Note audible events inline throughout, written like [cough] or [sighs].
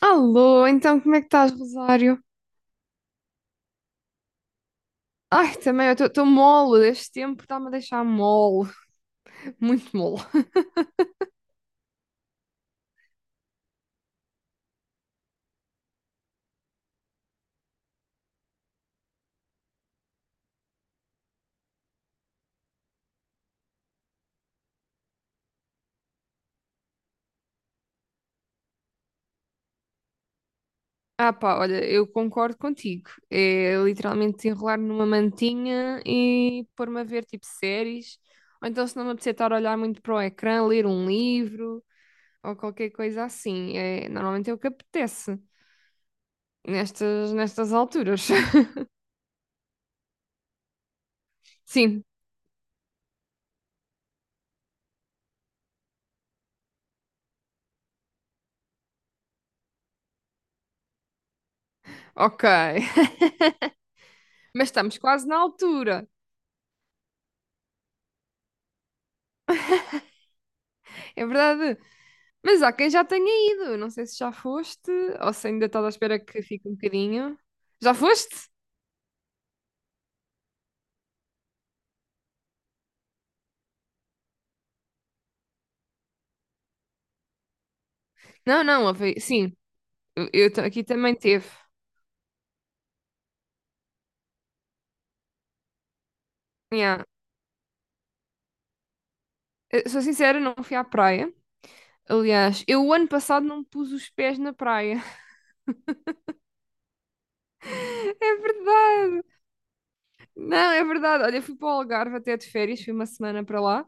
Alô, então como é que estás, Rosário? Ai, também, eu estou mole, este tempo está-me a deixar mole, [laughs] muito mole. Ah pá, olha, eu concordo contigo, é literalmente enrolar numa mantinha e pôr-me a ver tipo séries, ou então se não me apetecer estar a olhar muito para o ecrã, ler um livro, ou qualquer coisa assim, é, normalmente é o que apetece, nestas alturas. [laughs] Sim, ok. [laughs] Mas estamos quase na altura, é verdade. Mas há quem já tenha ido. Não sei se já foste ou se ainda estás à espera que fique um bocadinho. Já foste? Não, não, sim. Eu aqui também teve. Yeah. Eu sou sincera, não fui à praia. Aliás, eu o ano passado não pus os pés na praia. [laughs] É verdade. Não, é verdade. Olha, eu fui para o Algarve até de férias, fui uma semana para lá.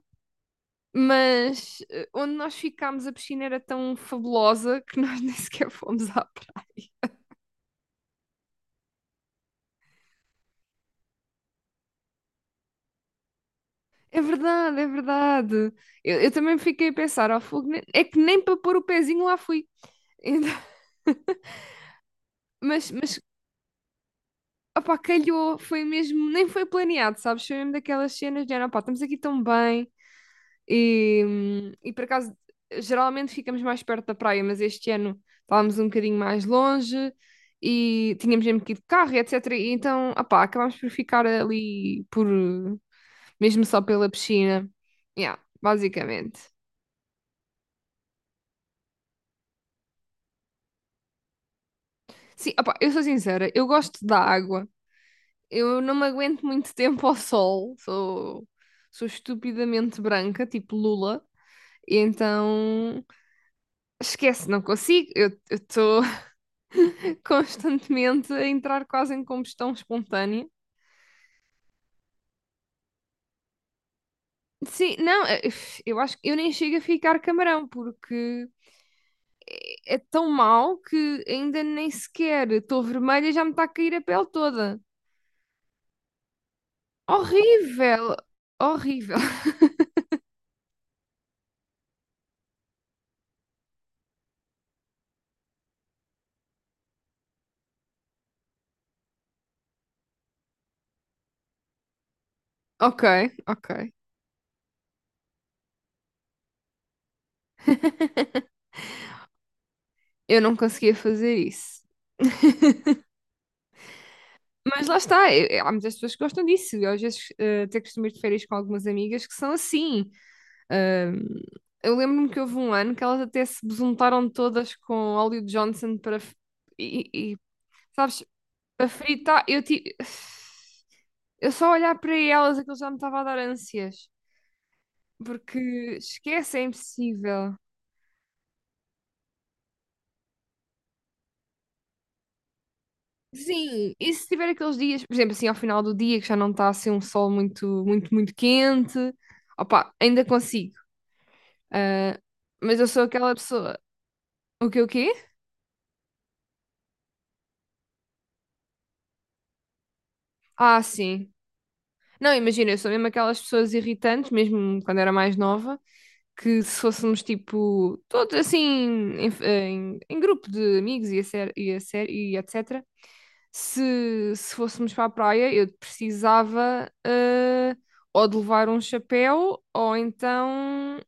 Mas onde nós ficámos, a piscina era tão fabulosa que nós [laughs] nem sequer fomos à É verdade, é verdade. Eu também fiquei a pensar, ao fogo, é que nem para pôr o pezinho lá fui. Então, [laughs] mas, opá, calhou, foi mesmo, nem foi planeado, sabes? Foi mesmo daquelas cenas de, opá, estamos aqui tão bem e por acaso, geralmente ficamos mais perto da praia, mas este ano estávamos um bocadinho mais longe e tínhamos mesmo que ir de carro, e etc. E então, opá, acabámos por ficar ali por, mesmo só pela piscina. Yeah, basicamente. Sim, opá, eu sou sincera, eu gosto da água. Eu não me aguento muito tempo ao sol. Sou estupidamente branca, tipo Lula. E então, esquece, não consigo. Eu estou [laughs] constantemente a entrar quase em combustão espontânea. Sim, não, eu acho que eu nem chego a ficar camarão, porque é tão mau que ainda nem sequer estou vermelha e já me está a cair a pele toda. Horrível, horrível. [laughs] Ok, ok. [laughs] Eu não conseguia fazer isso. [laughs] Mas lá está, há muitas pessoas que gostam disso. Eu às vezes até costumo ir de férias com algumas amigas que são assim. Ahm, eu lembro-me que houve um ano que elas até se besuntaram todas com óleo de Johnson e, sabes, para fritar. [sighs] Eu só olhar para elas aquilo já me estava a dar ânsias, porque esquece, é impossível. Sim, e se tiver aqueles dias, por exemplo, assim, ao final do dia, que já não está assim um sol muito, muito, muito quente, opá, ainda consigo. Ah, mas eu sou aquela pessoa. O que o quê? Ah, sim. Não, imagina, eu sou mesmo aquelas pessoas irritantes, mesmo quando era mais nova, que se fôssemos tipo, todos assim, em grupo de amigos e etc., se fôssemos para a praia, eu precisava ou de levar um chapéu ou então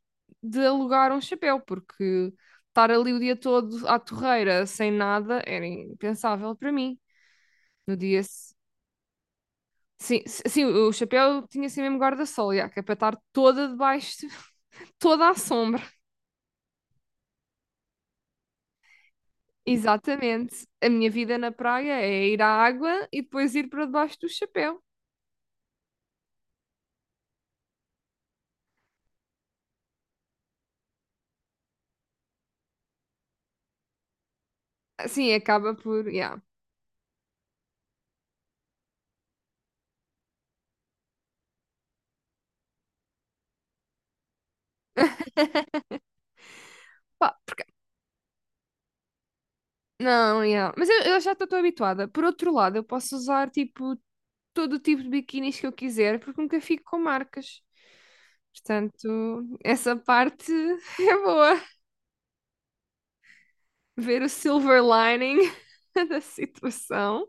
de alugar um chapéu, porque estar ali o dia todo à torreira sem nada era impensável para mim. No dia, Sim, o chapéu tinha assim mesmo guarda-sol, já, que é para estar toda debaixo, [laughs] toda à sombra. Exatamente. A minha vida na praia é ir à água e depois ir para debaixo do chapéu. Assim acaba por, já. Pá, não, já. Mas eu já estou habituada. Por outro lado, eu posso usar tipo todo o tipo de biquinis que eu quiser, porque nunca fico com marcas. Portanto, essa parte [laughs] é boa. Ver o silver lining [laughs] da situação.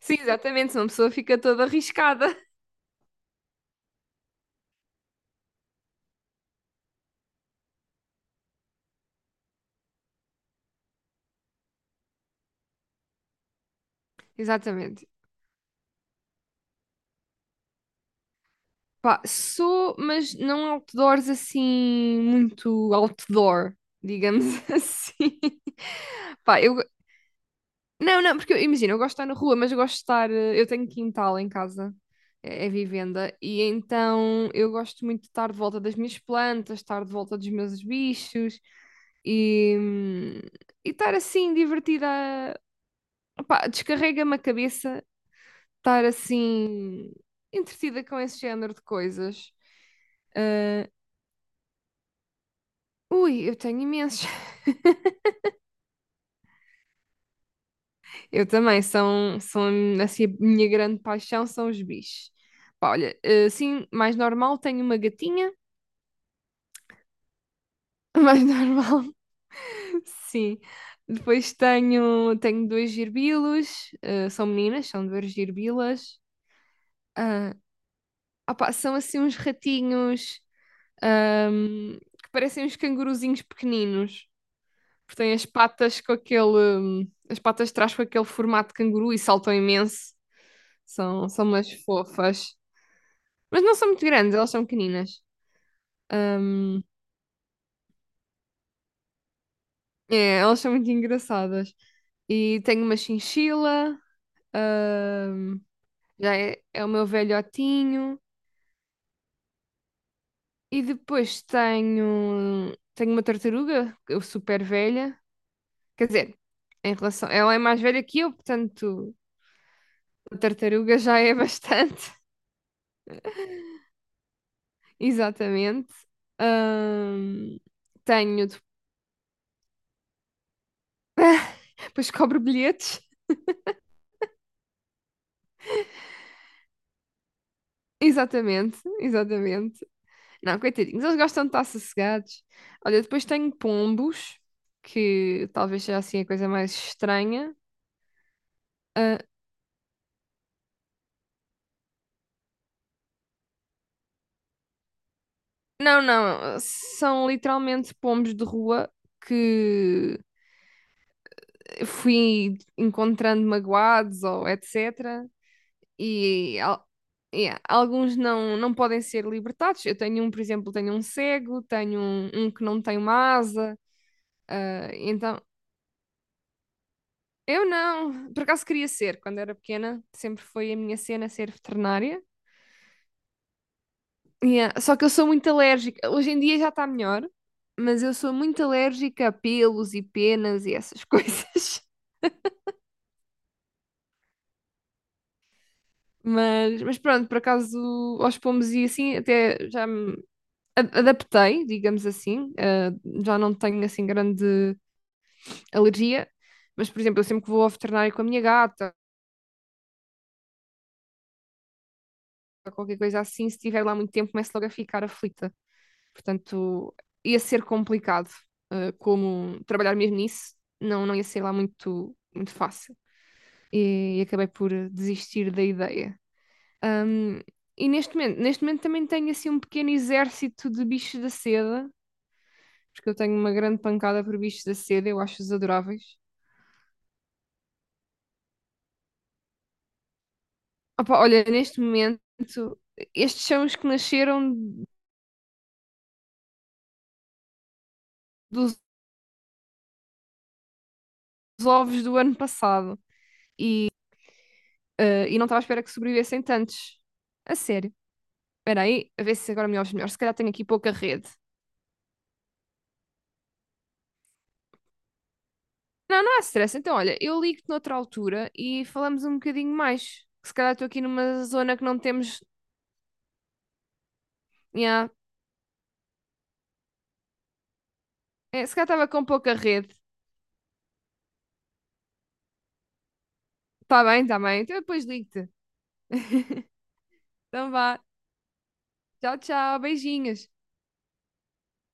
Sim, exatamente, senão a pessoa fica toda arriscada. Exatamente. Pá, sou, mas não outdoors assim, muito outdoor, digamos [laughs] assim. Pá, eu. Não, não, porque imagina, eu gosto de estar na rua, mas eu gosto de estar. Eu tenho quintal em casa, é vivenda, e então eu gosto muito de estar de volta das minhas plantas, estar de volta dos meus bichos e, hum, e estar assim divertida. Opá, descarrega-me a cabeça estar assim entretida com esse género de coisas. Ah, ui, eu tenho imensos. [laughs] Eu também, são assim, a minha grande paixão são os bichos. Pá, olha, assim, mais normal, tenho uma gatinha, [laughs] mais normal, [laughs] sim. Depois tenho dois girbilos, são meninas, são duas girbilas. Ah, opá, são assim uns ratinhos, que parecem uns canguruzinhos pequeninos. Porque tem as patas com as patas de trás com aquele formato de canguru e saltam imenso. São umas fofas. Mas não são muito grandes, elas são pequeninas. É, elas são muito engraçadas. E tenho uma chinchila, hum, já é o meu velhotinho. E depois tenho uma tartaruga, eu super velha. Quer dizer, em relação, ela é mais velha que eu, portanto, a tartaruga já é [laughs] bastante. Exatamente. Ahm, tenho. Depois cobro bilhetes. Exatamente, exatamente. Não, coitadinhos, eles gostam de estar sossegados. Olha, depois tenho pombos, que talvez seja assim a coisa mais estranha. Ah, não, não, são literalmente pombos de rua que fui encontrando magoados ou etc. e, al- e alguns não, não podem ser libertados. Eu tenho um, por exemplo, tenho um cego, tenho um que não tem uma asa. Então, eu não. Por acaso queria ser, quando era pequena, sempre foi a minha cena ser veterinária. E, só que eu sou muito alérgica. Hoje em dia já está melhor, mas eu sou muito alérgica a pelos e penas e essas [laughs] coisas. Mas, pronto, por acaso aos pombos e assim até já me adaptei, digamos assim. Já não tenho assim grande alergia, mas, por exemplo, eu sempre que vou ao veterinário com a minha gata, ou qualquer coisa assim, se estiver lá muito tempo, começo logo a ficar aflita. Portanto, ia ser complicado, como trabalhar mesmo nisso, não, não ia ser lá muito, muito fácil. E acabei por desistir da ideia. Ahm, e neste momento também tenho assim um pequeno exército de bichos da seda, porque eu tenho uma grande pancada por bichos da seda, eu acho-os adoráveis. Opa, olha, neste momento, estes são os que nasceram dos os ovos do ano passado. Ah, e não estava à espera que sobrevivessem tantos. A sério. Espera aí, a ver se agora me ouves melhor. Se calhar tenho aqui pouca rede. Não, não há stress. Então, olha, eu ligo-te noutra altura e falamos um bocadinho mais. Que se calhar estou aqui numa zona que não temos. Nhá. É, se calhar estava com pouca rede. Está bem, está bem. Então eu depois ligo-te. [laughs] Então vá. Tchau, tchau. Beijinhos.